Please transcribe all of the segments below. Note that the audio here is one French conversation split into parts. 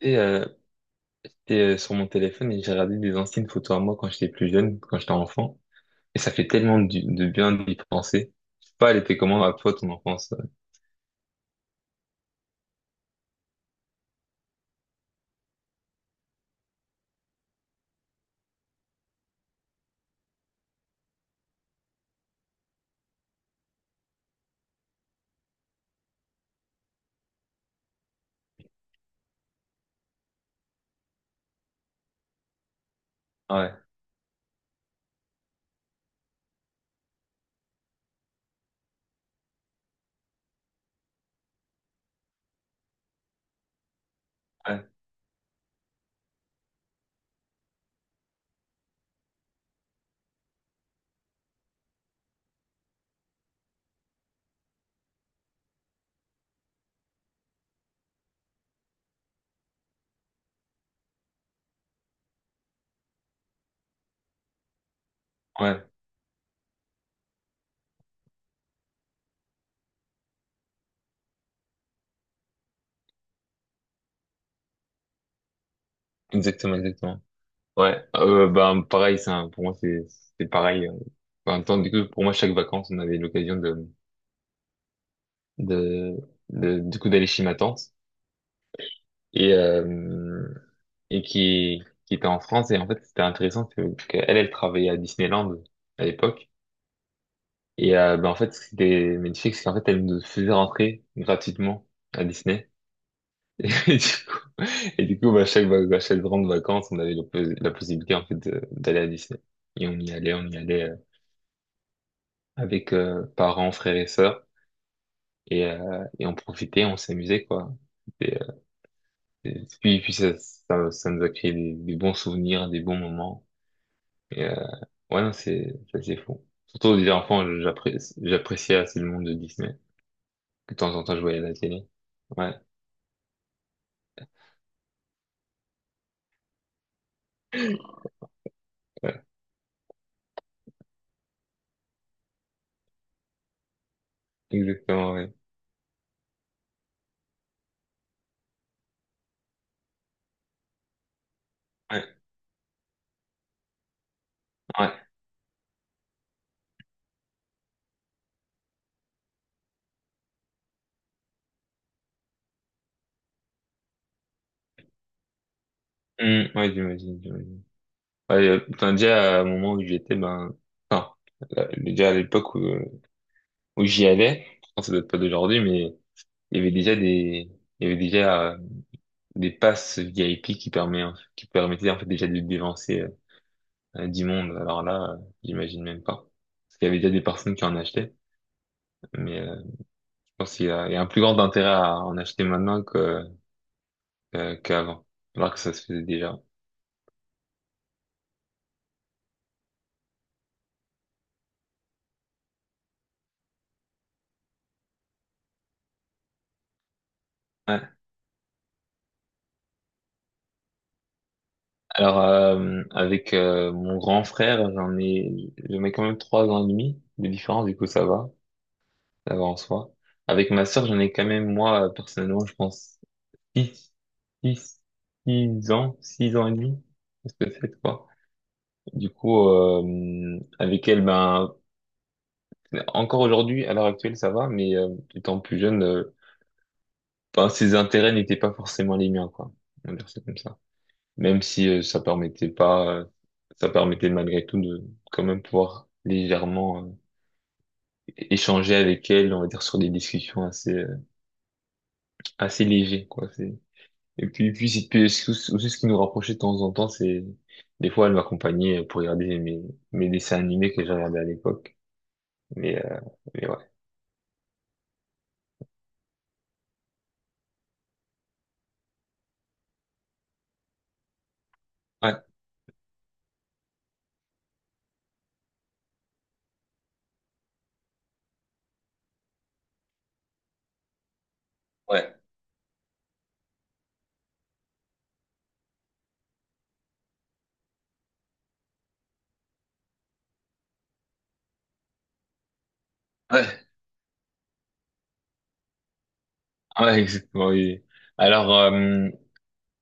Et euh, j'étais sur mon téléphone et j'ai regardé des anciennes photos à moi quand j'étais plus jeune, quand j'étais enfant. Et ça fait tellement de bien d'y penser. Je sais pas, elle était comment à toi, ton enfance? Ouais, ouais, ouais, exactement, exactement. Ouais, bah, pareil, pour moi, c'est pareil. Enfin, en même temps, du coup, pour moi, chaque vacances, on avait l'occasion de, du coup, d'aller chez ma tante et, euh, et qui était en France. Et en fait, c'était intéressant que, qu'elle, elle travaillait à Disneyland à l'époque. Et ben, en fait, ce qui était magnifique, c'est qu'en fait, elle nous faisait rentrer gratuitement à Disney. Et du coup, et du coup, bah, à chaque grande vacances, on avait la possibilité en fait d'aller à Disney. Et on y allait avec parents, frères et sœurs. Et on profitait, on s'amusait, quoi. Et, euh, et puis, ça, ça, ça nous a créé des bons souvenirs, des bons moments. Et euh, ouais, non, c'est ça, c'est fou. Surtout déjà enfant, j'appréciais assez le monde de Disney. Que de temps en temps, je voyais à la télé. Ouais. Exactement, ouais. Ouais, ouais. Ouais, j'imagine, j'imagine. Ouais, putain, déjà, à un moment où j'étais, ben, enfin, là, déjà à l'époque où, où j'y allais, enfin, ça date pas d'aujourd'hui, mais il y avait déjà des, il y avait déjà des passes VIP qui permettaient, en fait, déjà de dévancer du monde. Alors là, j'imagine même pas. Parce qu'il y avait déjà des personnes qui en achetaient, mais je pense qu'il y a, il y a un plus grand intérêt à en acheter maintenant que, qu'avant. Alors que ça se faisait déjà. Ouais. Alors, avec mon grand frère, j'en ai quand même trois ans et demi de différence, du coup ça va en soi. Avec ma sœur, j'en ai quand même, moi, personnellement, je pense, six, six, six ans et demi, parce que c'est quoi. Du coup, avec elle, ben, encore aujourd'hui, à l'heure actuelle, ça va, mais étant plus jeune, ben, ses intérêts n'étaient pas forcément les miens, quoi. On va dire ça comme ça. Même si ça permettait pas, ça permettait malgré tout de quand même pouvoir légèrement échanger avec elle, on va dire sur des discussions assez assez légères quoi. C'est... Et puis aussi ce qui nous rapprochait de temps en temps, c'est des fois elle m'accompagnait pour regarder mes dessins animés que j'ai regardés à l'époque. Mais euh, mais ouais ouais. Ouais, ouais, ouais, exactement. Oui. Alors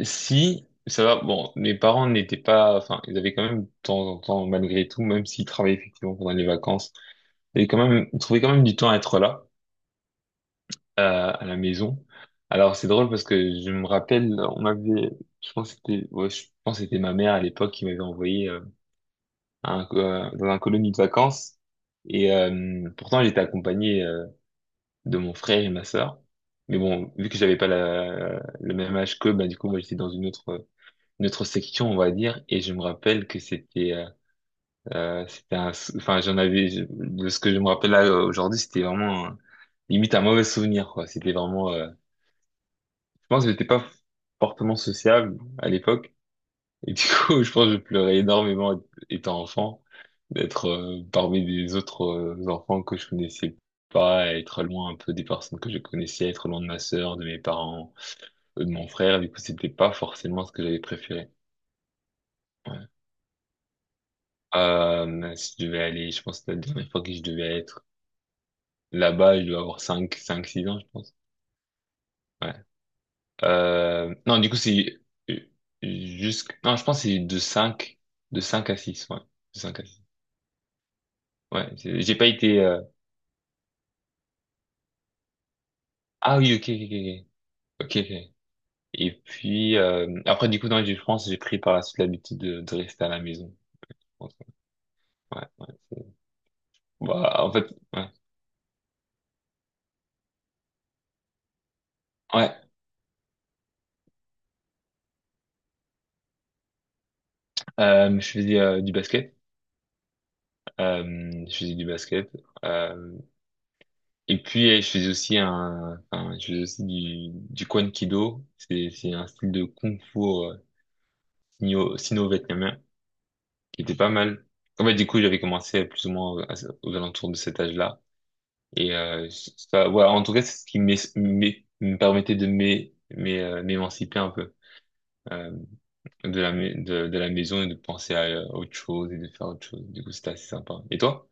si, ça va, bon, mes parents n'étaient pas, enfin, ils avaient quand même de temps en temps, malgré tout, même s'ils travaillaient effectivement pendant les vacances, ils avaient quand même, ils trouvaient quand même du temps à être là, à la maison. Alors, c'est drôle parce que je me rappelle, on m'avait, je pense que c'était, ouais, je pense que c'était ma mère à l'époque qui m'avait envoyé, à un, dans un colonie de vacances. Pourtant, j'étais accompagné, de mon frère et ma sœur. Mais bon, vu que j'avais pas la, le même âge qu'eux, bah, du coup, moi, j'étais dans une autre, notre section, on va dire, et je me rappelle que c'était, c'était un, enfin, j'en avais, de ce que je me rappelle là aujourd'hui, c'était vraiment limite un mauvais souvenir, quoi. C'était vraiment, je pense que j'étais pas fortement sociable à l'époque, et du coup, je pense que je pleurais énormément étant enfant, d'être parmi des autres enfants que je connaissais pas, être loin un peu des personnes que je connaissais, être loin de ma sœur, de mes parents, de mon frère, du coup, c'était pas forcément ce que j'avais préféré. Ouais. Mince, je devais aller, je pense, que la dernière fois que je devais être là-bas, je dois avoir 5 5 6 ans, je pense. Ouais. Non, du coup, c'est euh, jusqu', non, je pense que c'est de 5 à 6 ouais. De 5 à six. Ouais, j'ai pas été, ah oui, ok, ok, ok, ok. Ok. Et puis, après, du coup, dans les France, j'ai pris par la suite l'habitude de rester à la maison. Je pense. Ouais, ouais, bah, en fait, ouais. Ouais, je faisais du basket. Euh, je faisais du basket. Euh, Et puis, je faisais aussi un, enfin, je faisais aussi du Kwan Kido. C'est un style de kung fu sino-vietnamien qui était pas mal. En fait, du coup, j'avais commencé plus ou moins aux alentours de cet âge-là. Et ça, ouais, en tout cas, c'est ce qui me permettait de m'émanciper un peu euh, de la, de la maison et de penser à autre chose et de faire autre chose. Du coup, c'était assez sympa. Et toi?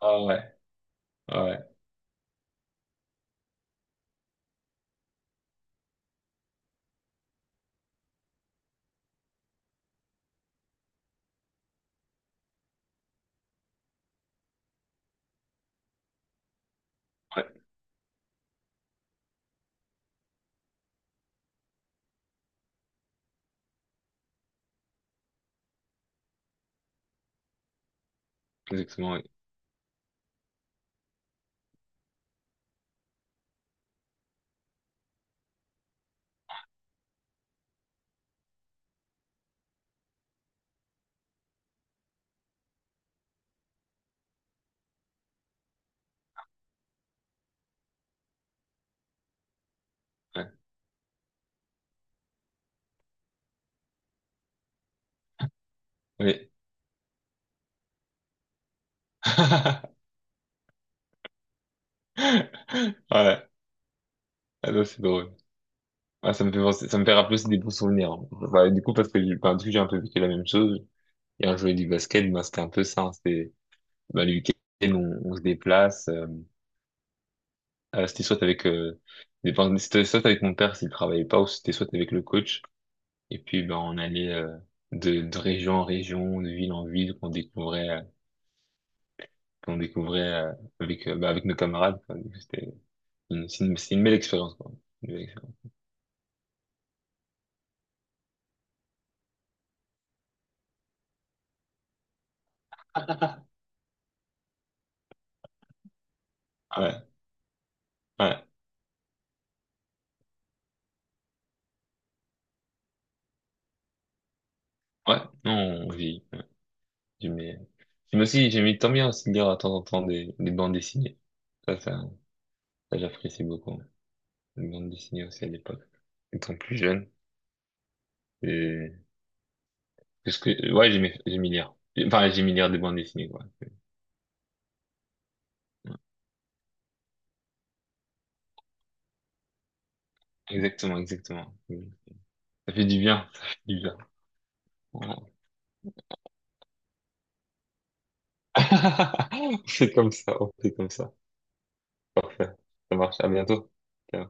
Ah ouais, ouais, ouais, exactement, ouais. Ouais. Oui. Ouais. Ah non, c'est drôle. Ah, ça me fait ça me fait rappeler aussi des bons souvenirs, hein. Enfin, du coup, parce que, enfin, du coup, j'ai un peu vécu la même chose. Et un jouer du basket, ben, c'était un peu ça, hein. C'était, ben, le week-end, on se déplace. C'était soit avec, enfin, c'était soit avec mon père s'il travaillait pas, ou c'était soit avec le coach. Et puis, ben, on allait, de région en région, de ville en ville, qu'on découvrait, avec, ben, avec nos camarades, quoi. Du coup, c'était c'est une belle expérience, quoi. Une belle expérience. Ah ouais, ouais, ouais. Non, on vit. J'aimais j'aimais tant bien aussi lire à temps en temps des bandes dessinées. Ça, ça, ça, j'apprécie beaucoup. Les bandes dessinées aussi à l'époque. Étant plus jeune. Et... Parce que, ouais, j'aimais, j'aimais lire. Enfin, j'aimais lire des bandes dessinées, quoi. Exactement, exactement. Ça fait du bien, ça fait du bien. Voilà. On fait comme ça, on fait comme ça. Parfait. Ça marche. À bientôt. Ciao.